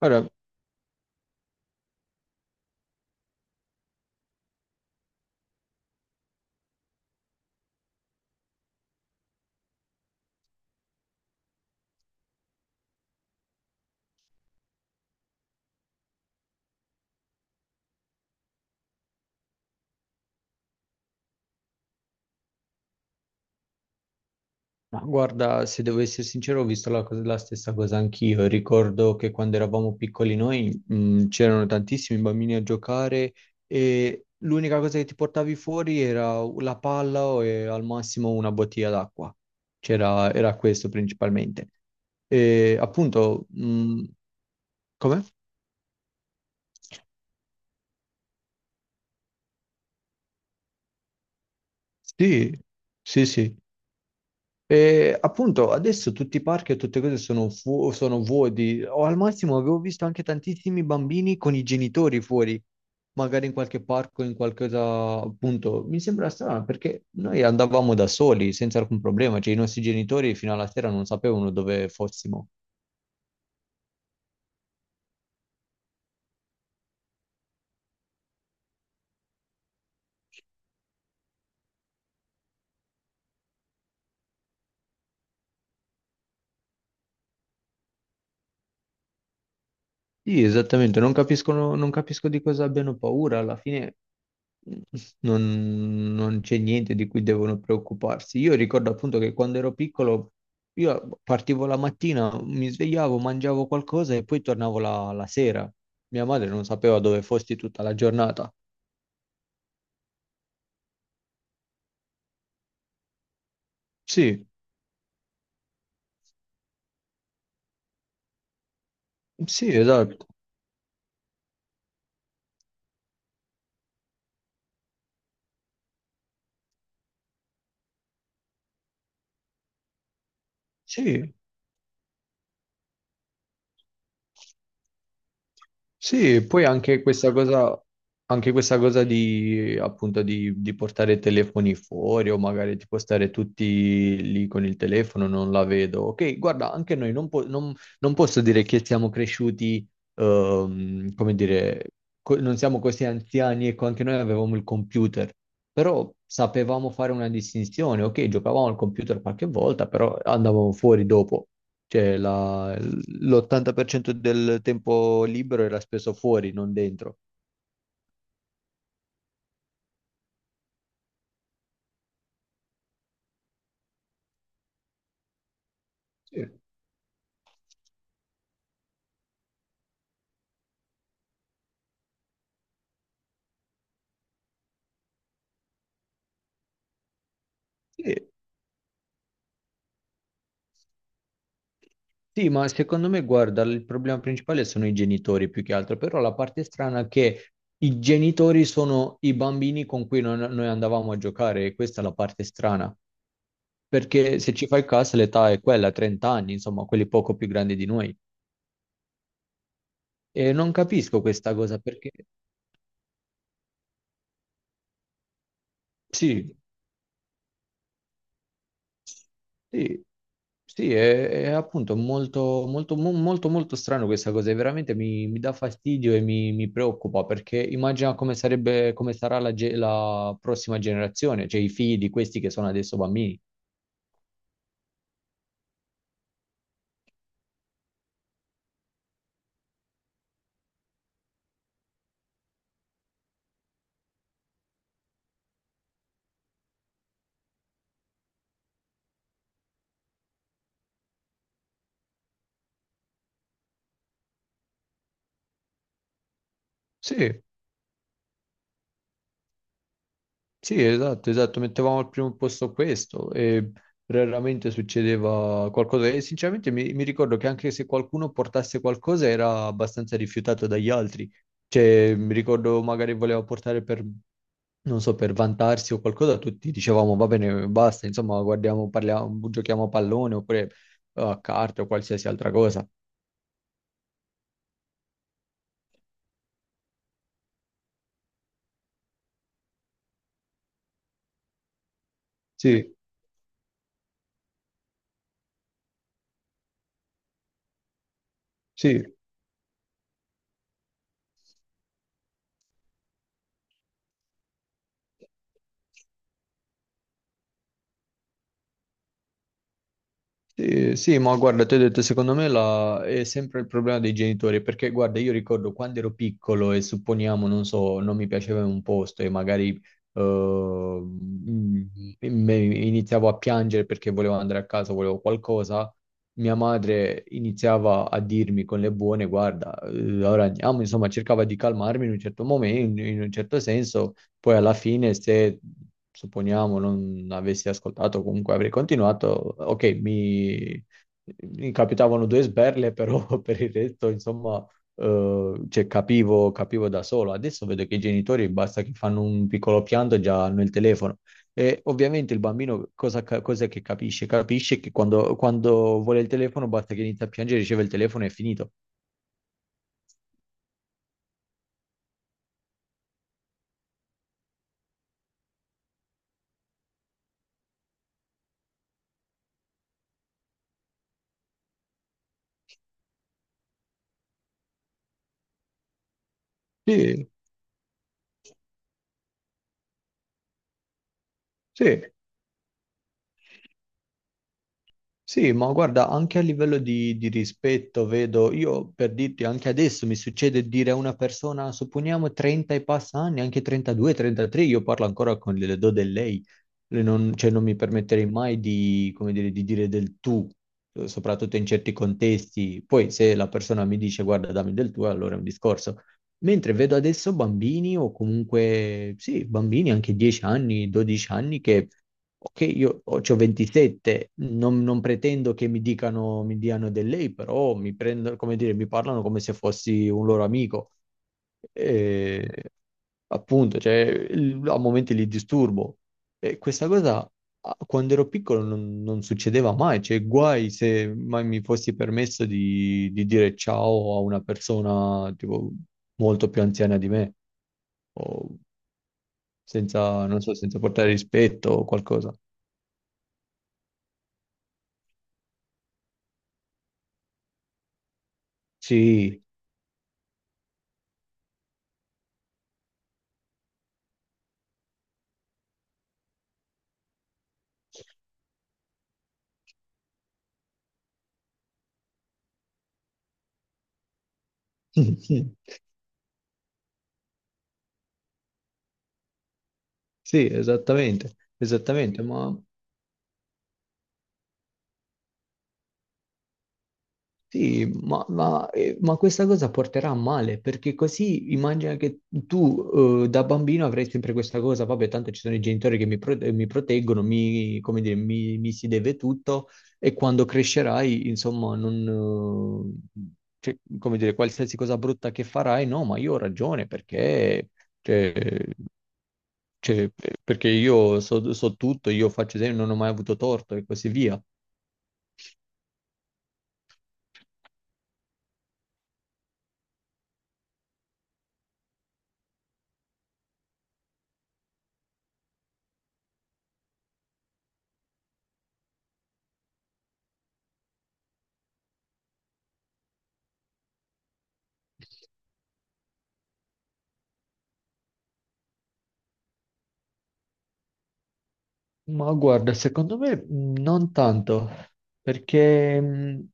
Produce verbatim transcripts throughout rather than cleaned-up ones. Ora, ma guarda, se devo essere sincero, ho visto la, cosa- la stessa cosa anch'io. Ricordo che quando eravamo piccoli noi, mh, c'erano tantissimi bambini a giocare e l'unica cosa che ti portavi fuori era la palla o e al massimo una bottiglia d'acqua. C'era, era questo principalmente. E appunto, mh, come? Sì, sì, sì. E appunto adesso tutti i parchi e tutte cose sono, fu- sono vuoti, o al massimo avevo visto anche tantissimi bambini con i genitori fuori, magari in qualche parco, in qualcosa, appunto, mi sembra strano perché noi andavamo da soli senza alcun problema, cioè i nostri genitori fino alla sera non sapevano dove fossimo. Sì, esattamente, non capiscono, non capisco di cosa abbiano paura, alla fine. mm, non, non c'è niente di cui devono preoccuparsi. Io ricordo appunto che quando ero piccolo io partivo la mattina, mi svegliavo, mangiavo qualcosa e poi tornavo la, la sera. Mia madre non sapeva dove fossi tutta la giornata. Sì, sì, esatto, sì. Sì, e poi anche questa cosa, anche questa cosa di, appunto, di, di portare i telefoni fuori o magari tipo stare tutti lì con il telefono, non la vedo. Ok, guarda, anche noi non, po- non- non posso dire che siamo cresciuti, ehm, come dire, co- non siamo così anziani, ecco, anche noi avevamo il computer, però sapevamo fare una distinzione. Ok, giocavamo al computer qualche volta, però andavamo fuori dopo. Cioè, la- l'ottanta per cento del tempo libero era speso fuori, non dentro. Sì. Sì, sì, ma secondo me, guarda, il problema principale sono i genitori più che altro, però la parte strana è che i genitori sono i bambini con cui non- noi andavamo a giocare, e questa è la parte strana, perché se ci fai caso l'età è quella, trenta anni, insomma, quelli poco più grandi di noi. E non capisco questa cosa perché, sì. Sì, sì, è, è appunto molto, molto, mo- molto, molto strano questa cosa, e veramente mi, mi dà fastidio e mi, mi preoccupa perché immagina come sarebbe, come sarà la, ge- la prossima generazione, cioè i figli di questi che sono adesso bambini. Sì. Sì, esatto, esatto, mettevamo al primo posto questo e raramente succedeva qualcosa e sinceramente mi, mi ricordo che anche se qualcuno portasse qualcosa era abbastanza rifiutato dagli altri, cioè mi ricordo magari voleva portare per, non so, per vantarsi o qualcosa, tutti dicevamo va bene, basta, insomma, guardiamo, parliamo, giochiamo a pallone oppure eh, a carte o qualsiasi altra cosa. Sì, sì. Sì, sì, ma guarda, ti ho detto, secondo me la- è sempre il problema dei genitori, perché guarda, io ricordo quando ero piccolo e supponiamo, non so, non mi piaceva un posto e magari eh, mm, me- iniziavo a piangere perché volevo andare a casa, volevo qualcosa, mia madre iniziava a dirmi con le buone, guarda, eh, ora andiamo, insomma, cercava di calmarmi in un certo momento, in in un certo senso. Poi alla fine, se supponiamo non avessi ascoltato, comunque avrei continuato, ok, mi, mi capitavano due sberle, però per il resto, insomma, eh, cioè, capivo, capivo da solo. Adesso vedo che i genitori basta che fanno un piccolo pianto, già hanno il telefono. E ovviamente il bambino cosa, ca- cos'è che capisce? Capisce che quando, quando vuole il telefono basta che inizia a piangere, riceve il telefono e è finito. Sì, sì. Sì, ma guarda, anche a livello di, di rispetto, vedo, io per dirti, anche adesso mi succede dire a una persona, supponiamo trenta e passa anni, anche trentadue, trentatré, io parlo ancora con le do del lei. Le Non, cioè, non mi permetterei mai di, come dire, di dire del tu, eh, soprattutto in certi contesti. Poi se la persona mi dice guarda, dammi del tu, allora è un discorso. Mentre vedo adesso bambini o comunque, sì, bambini anche dieci anni, dodici anni che, ok, io ho, c'ho ventisette, non, non pretendo che mi dicano, mi diano del lei, però mi prendono, come dire, mi parlano come se fossi un loro amico. E, appunto, cioè, il- a momenti li disturbo. E questa cosa a- quando ero piccolo non, non succedeva mai, cioè guai se mai mi fossi permesso di, di dire ciao a una persona tipo molto più anziana di me, o senza, non so, senza portare rispetto o qualcosa. Sì. Sì, esattamente, esattamente, ma... Sì, ma, ma- eh, ma questa cosa porterà a male, perché così immagina che tu eh, da bambino avrai sempre questa cosa, vabbè, tanto ci sono i genitori che mi, pro- eh, mi proteggono, mi, come dire, mi, mi si deve tutto e quando crescerai, insomma, non, eh, cioè, come dire, qualsiasi cosa brutta che farai, no, ma io ho ragione perché, cioè, cioè, perché io so, so tutto, io faccio sempre, non ho mai avuto torto e così via. Ma guarda, secondo me mh, non tanto, perché mh,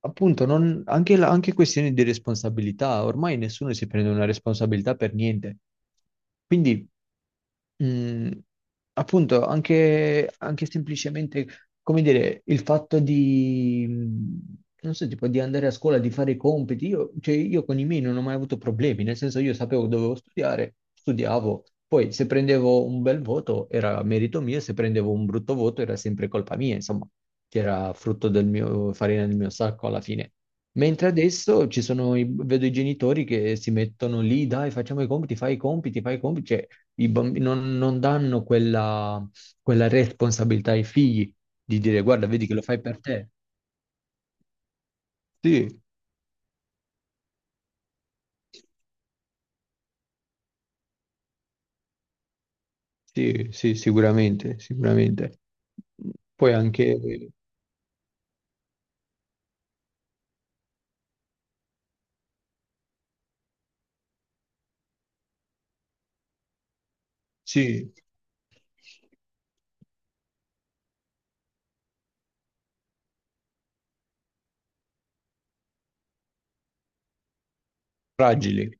appunto non- anche, la- anche questioni di responsabilità, ormai nessuno si prende una responsabilità per niente. Quindi. Mm, appunto, anche, anche semplicemente, come dire, il fatto di, mm, non so, tipo di andare a scuola, di fare i compiti, io, cioè, io con i miei non ho mai avuto problemi, nel senso io sapevo che dovevo studiare, studiavo, poi se prendevo un bel voto era merito mio, se prendevo un brutto voto era sempre colpa mia, insomma, che era frutto del mio, farina del mio sacco alla fine. Mentre adesso ci sono i- vedo i genitori che si mettono lì, dai, facciamo i compiti, fai i compiti, fai i compiti, cioè i bambini non, non danno quella, quella responsabilità ai figli di dire, guarda, vedi che lo fai per te. Sì, sì, sì, sicuramente, sicuramente. Poi anche, sì, fragili.